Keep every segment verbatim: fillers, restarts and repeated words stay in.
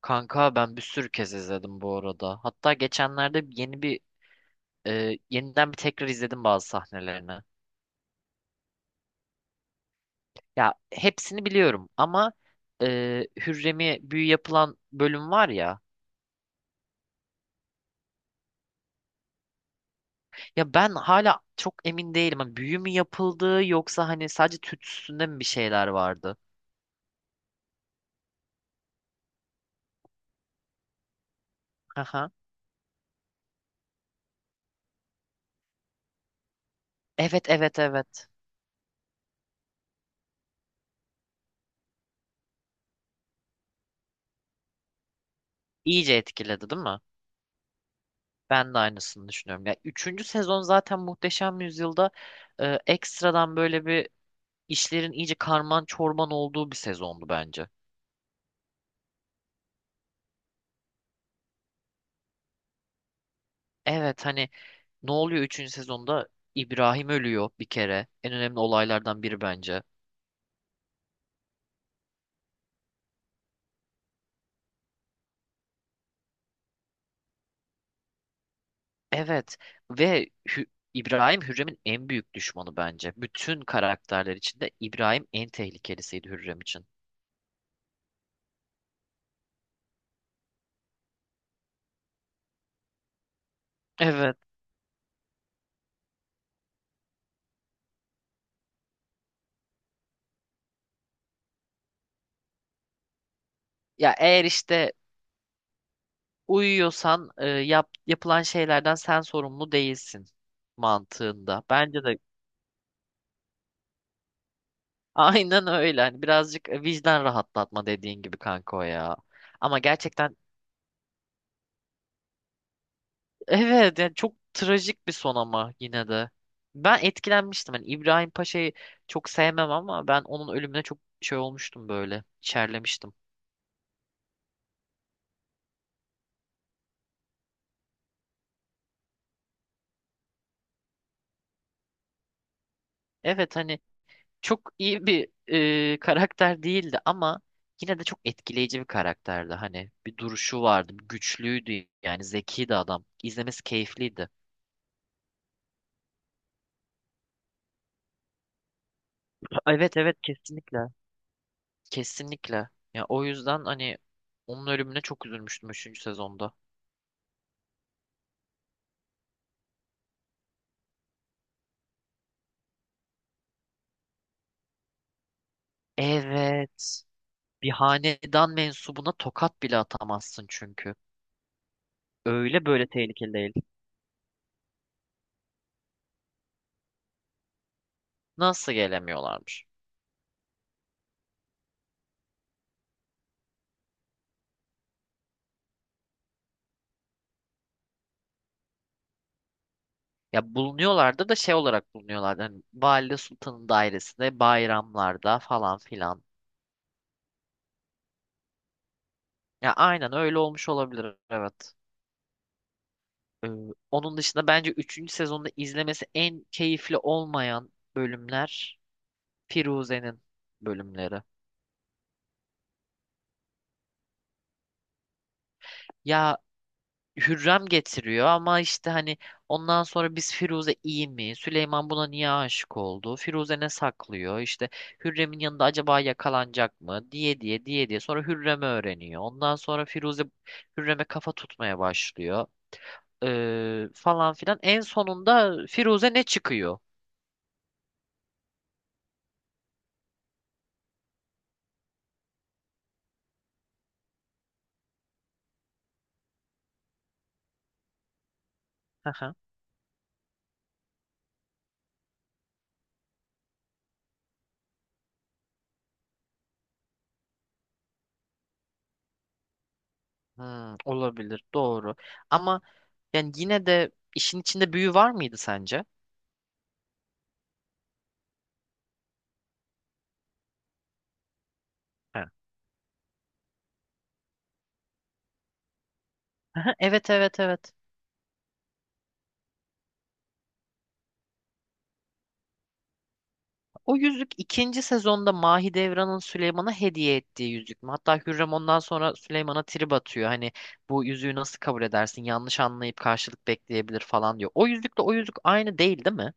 Kanka ben bir sürü kez izledim bu arada. Hatta geçenlerde yeni bir e, yeniden bir tekrar izledim bazı sahnelerini. Ya hepsini biliyorum ama e, Hürrem'e büyü yapılan bölüm var ya. Ya ben hala çok emin değilim. Hani büyü mü yapıldı yoksa hani sadece tütsüsünde mi bir şeyler vardı? Aha. Evet, evet, evet. İyice etkiledi değil mi? Ben de aynısını düşünüyorum. Ya üçüncü sezon zaten Muhteşem Yüzyıl'da e, ekstradan böyle bir işlerin iyice karman çorman olduğu bir sezondu bence. Evet, hani ne oluyor üçüncü sezonda? İbrahim ölüyor bir kere. En önemli olaylardan biri bence. Evet ve Hü- İbrahim Hürrem'in en büyük düşmanı bence. Bütün karakterler içinde İbrahim en tehlikelisiydi Hürrem için. Evet. Ya eğer işte uyuyorsan e, yap, yapılan şeylerden sen sorumlu değilsin mantığında. Bence de aynen öyle. Hani birazcık e, vicdan rahatlatma dediğin gibi kanka o ya. Ama gerçekten, evet, yani çok trajik bir son ama yine de. Ben etkilenmiştim. Hani İbrahim Paşa'yı çok sevmem ama ben onun ölümüne çok şey olmuştum böyle. İçerlemiştim. Evet, hani çok iyi bir e, karakter değildi ama yine de çok etkileyici bir karakterdi. Hani bir duruşu vardı, güçlüydü yani zekiydi adam. İzlemesi keyifliydi. Evet, evet, kesinlikle. Kesinlikle. Ya o yüzden hani onun ölümüne çok üzülmüştüm üçüncü sezonda. Evet. Bir hanedan mensubuna tokat bile atamazsın çünkü. Öyle böyle tehlikeli değil. Nasıl gelemiyorlarmış? Ya bulunuyorlardı da şey olarak bulunuyorlardı. Hani Valide Sultan'ın dairesinde, bayramlarda falan filan. Ya aynen öyle olmuş olabilir, evet. Ee, onun dışında bence üçüncü sezonda izlemesi en keyifli olmayan bölümler Firuze'nin bölümleri. Ya Hürrem getiriyor ama işte hani ondan sonra biz Firuze iyi mi? Süleyman buna niye aşık oldu? Firuze ne saklıyor? İşte Hürrem'in yanında acaba yakalanacak mı? Diye diye diye diye. Sonra Hürrem'i öğreniyor. Ondan sonra Firuze Hürrem'e kafa tutmaya başlıyor. Ee, falan filan. En sonunda Firuze ne çıkıyor? Aha. Hmm, olabilir. Doğru. Ama yani yine de işin içinde büyü var mıydı sence? Ha. Aha, evet, evet, evet. O yüzük ikinci sezonda Mahidevran'ın Süleyman'a hediye ettiği yüzük mü? Hatta Hürrem ondan sonra Süleyman'a trip atıyor. Hani bu yüzüğü nasıl kabul edersin? Yanlış anlayıp karşılık bekleyebilir falan diyor. O yüzükle o yüzük aynı değil değil mi?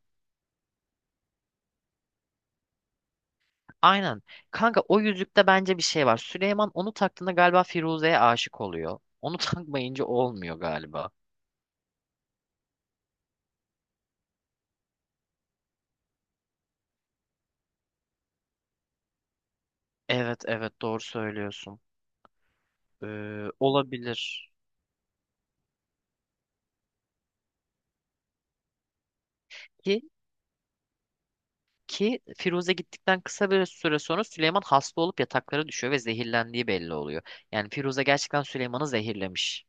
Aynen. Kanka o yüzükte bence bir şey var. Süleyman onu taktığında galiba Firuze'ye aşık oluyor. Onu takmayınca olmuyor galiba. Evet, evet, doğru söylüyorsun. Ee, olabilir. Ki Ki Firuze gittikten kısa bir süre sonra Süleyman hasta olup yataklara düşüyor ve zehirlendiği belli oluyor. Yani Firuze gerçekten Süleyman'ı zehirlemiş.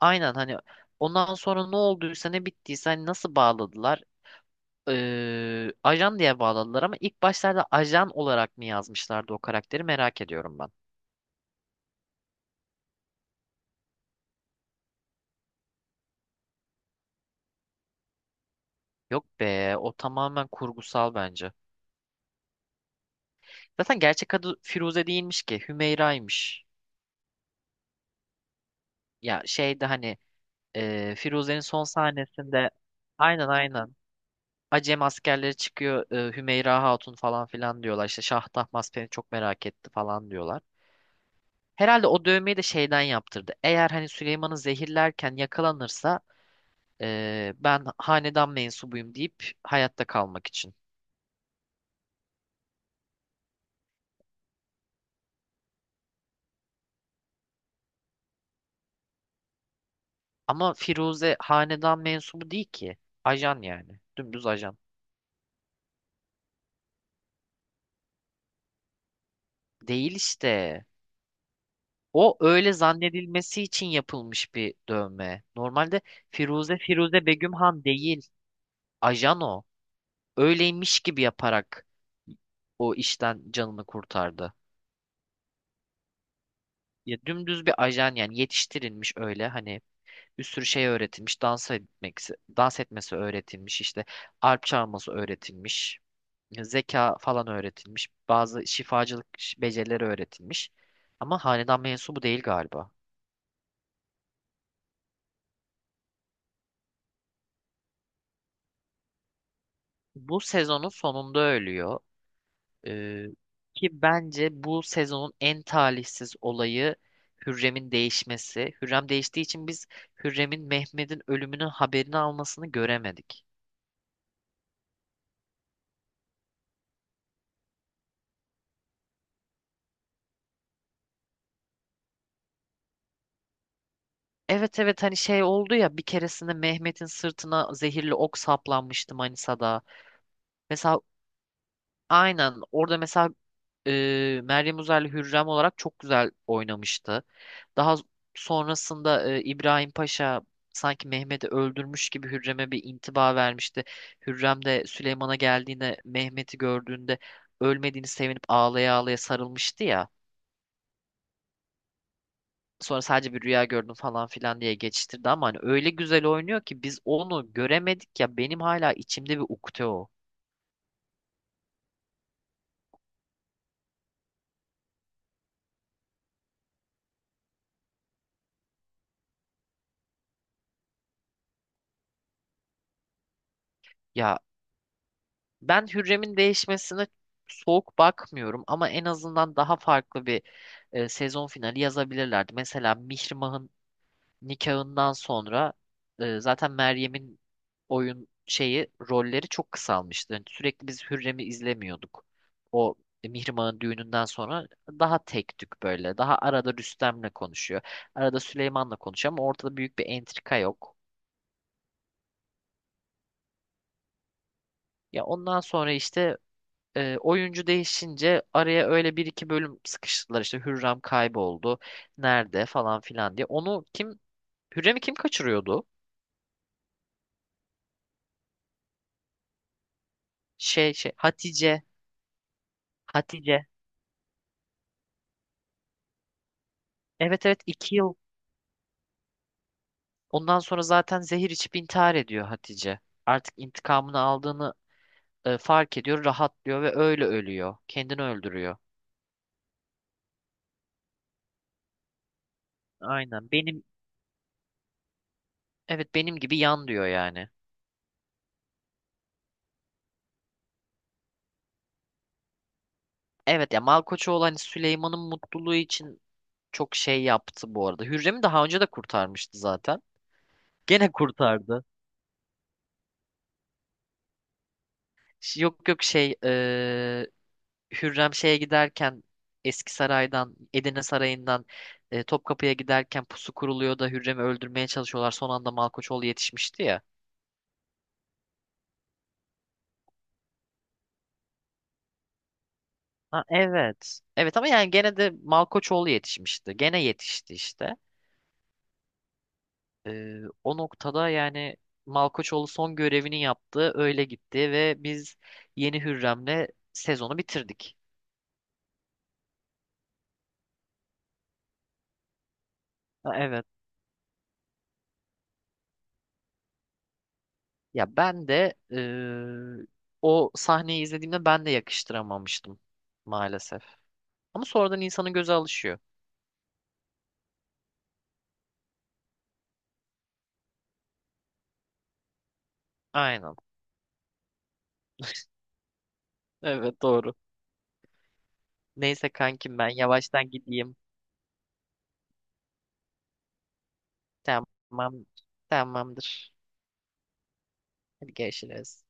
Aynen, hani ondan sonra ne olduysa ne bittiyse hani nasıl bağladılar? Ee, ajan diye bağladılar ama ilk başlarda ajan olarak mı yazmışlardı o karakteri merak ediyorum ben. Yok be, o tamamen kurgusal bence. Zaten gerçek adı Firuze değilmiş ki, Hümeyra'ymış. Ya şeyde hani e, Firuze'nin son sahnesinde, aynen, aynen. Acem askerleri çıkıyor, e, Hümeyra Hatun falan filan diyorlar. İşte Şah Tahmasp beni çok merak etti falan diyorlar. Herhalde o dövmeyi de şeyden yaptırdı. Eğer hani Süleyman'ı zehirlerken yakalanırsa e, ben hanedan mensubuyum deyip hayatta kalmak için. Ama Firuze hanedan mensubu değil ki. Ajan yani. Dümdüz ajan. Değil işte. O öyle zannedilmesi için yapılmış bir dövme. Normalde Firuze Firuze Begüm Han değil. Ajan o. Öyleymiş gibi yaparak o işten canını kurtardı. Ya dümdüz bir ajan yani, yetiştirilmiş öyle hani, bir sürü şey öğretilmiş. Dans etmek, dans etmesi öğretilmiş, işte arp çalması öğretilmiş. Zeka falan öğretilmiş. Bazı şifacılık ş- becerileri öğretilmiş. Ama hanedan mensubu değil galiba. Bu sezonun sonunda ölüyor. Ee, ki bence bu sezonun en talihsiz olayı Hürrem'in değişmesi. Hürrem değiştiği için biz Hürrem'in Mehmet'in ölümünün haberini almasını göremedik. Evet, evet, hani şey oldu ya, bir keresinde Mehmet'in sırtına zehirli ok saplanmıştı Manisa'da. Mesela aynen orada mesela e, Meryem Uzerli Hürrem olarak çok güzel oynamıştı. Daha sonrasında e, İbrahim Paşa sanki Mehmet'i öldürmüş gibi Hürrem'e bir intiba vermişti. Hürrem de Süleyman'a geldiğinde Mehmet'i gördüğünde ölmediğini sevinip ağlaya ağlaya sarılmıştı ya. Sonra sadece bir rüya gördüm falan filan diye geçiştirdi ama hani öyle güzel oynuyor ki biz onu göremedik ya, benim hala içimde bir ukde o. Ya ben Hürrem'in değişmesine soğuk bakmıyorum ama en azından daha farklı bir e, sezon finali yazabilirlerdi. Mesela Mihrimah'ın nikahından sonra e, zaten Meryem'in oyun şeyi rolleri çok kısalmıştı. Yani sürekli biz Hürrem'i izlemiyorduk. O Mihrimah'ın düğününden sonra daha tek tük böyle. Daha arada Rüstem'le konuşuyor. Arada Süleyman'la konuşuyor ama ortada büyük bir entrika yok. Ya ondan sonra işte E, oyuncu değişince araya öyle bir iki bölüm sıkıştırdılar, işte Hürrem kayboldu nerede falan filan diye. Onu kim, Hürrem'i kim kaçırıyordu? Şey şey Hatice. Hatice. Evet, evet, iki yıl ondan sonra zaten zehir içip intihar ediyor Hatice. Artık intikamını aldığını e, fark ediyor, rahatlıyor ve öyle ölüyor. Kendini öldürüyor. Aynen, benim, evet, benim gibi yan diyor yani. Evet ya, Malkoçoğlu hani Süleyman'ın mutluluğu için çok şey yaptı bu arada. Hürrem'i daha önce de kurtarmıştı zaten. Gene kurtardı. Ş- Yok, yok, şey, eee, Hürrem şeye giderken, Eski Saray'dan, Edirne Sarayı'ndan, eee, Topkapı'ya giderken pusu kuruluyor da Hürrem'i öldürmeye çalışıyorlar. Son anda Malkoçoğlu yetişmişti ya. Ha, evet. Evet ama yani gene de Malkoçoğlu yetişmişti. Gene yetişti işte. Eee, o noktada yani Malkoçoğlu son görevini yaptı. Öyle gitti ve biz yeni Hürrem'le sezonu bitirdik. Ha, evet. Ya ben de eee, o sahneyi izlediğimde ben de yakıştıramamıştım maalesef. Ama sonradan insanın göze alışıyor. Aynen. Evet, doğru. Neyse kankim, ben yavaştan gideyim. Tamam. Tamamdır. Hadi görüşürüz.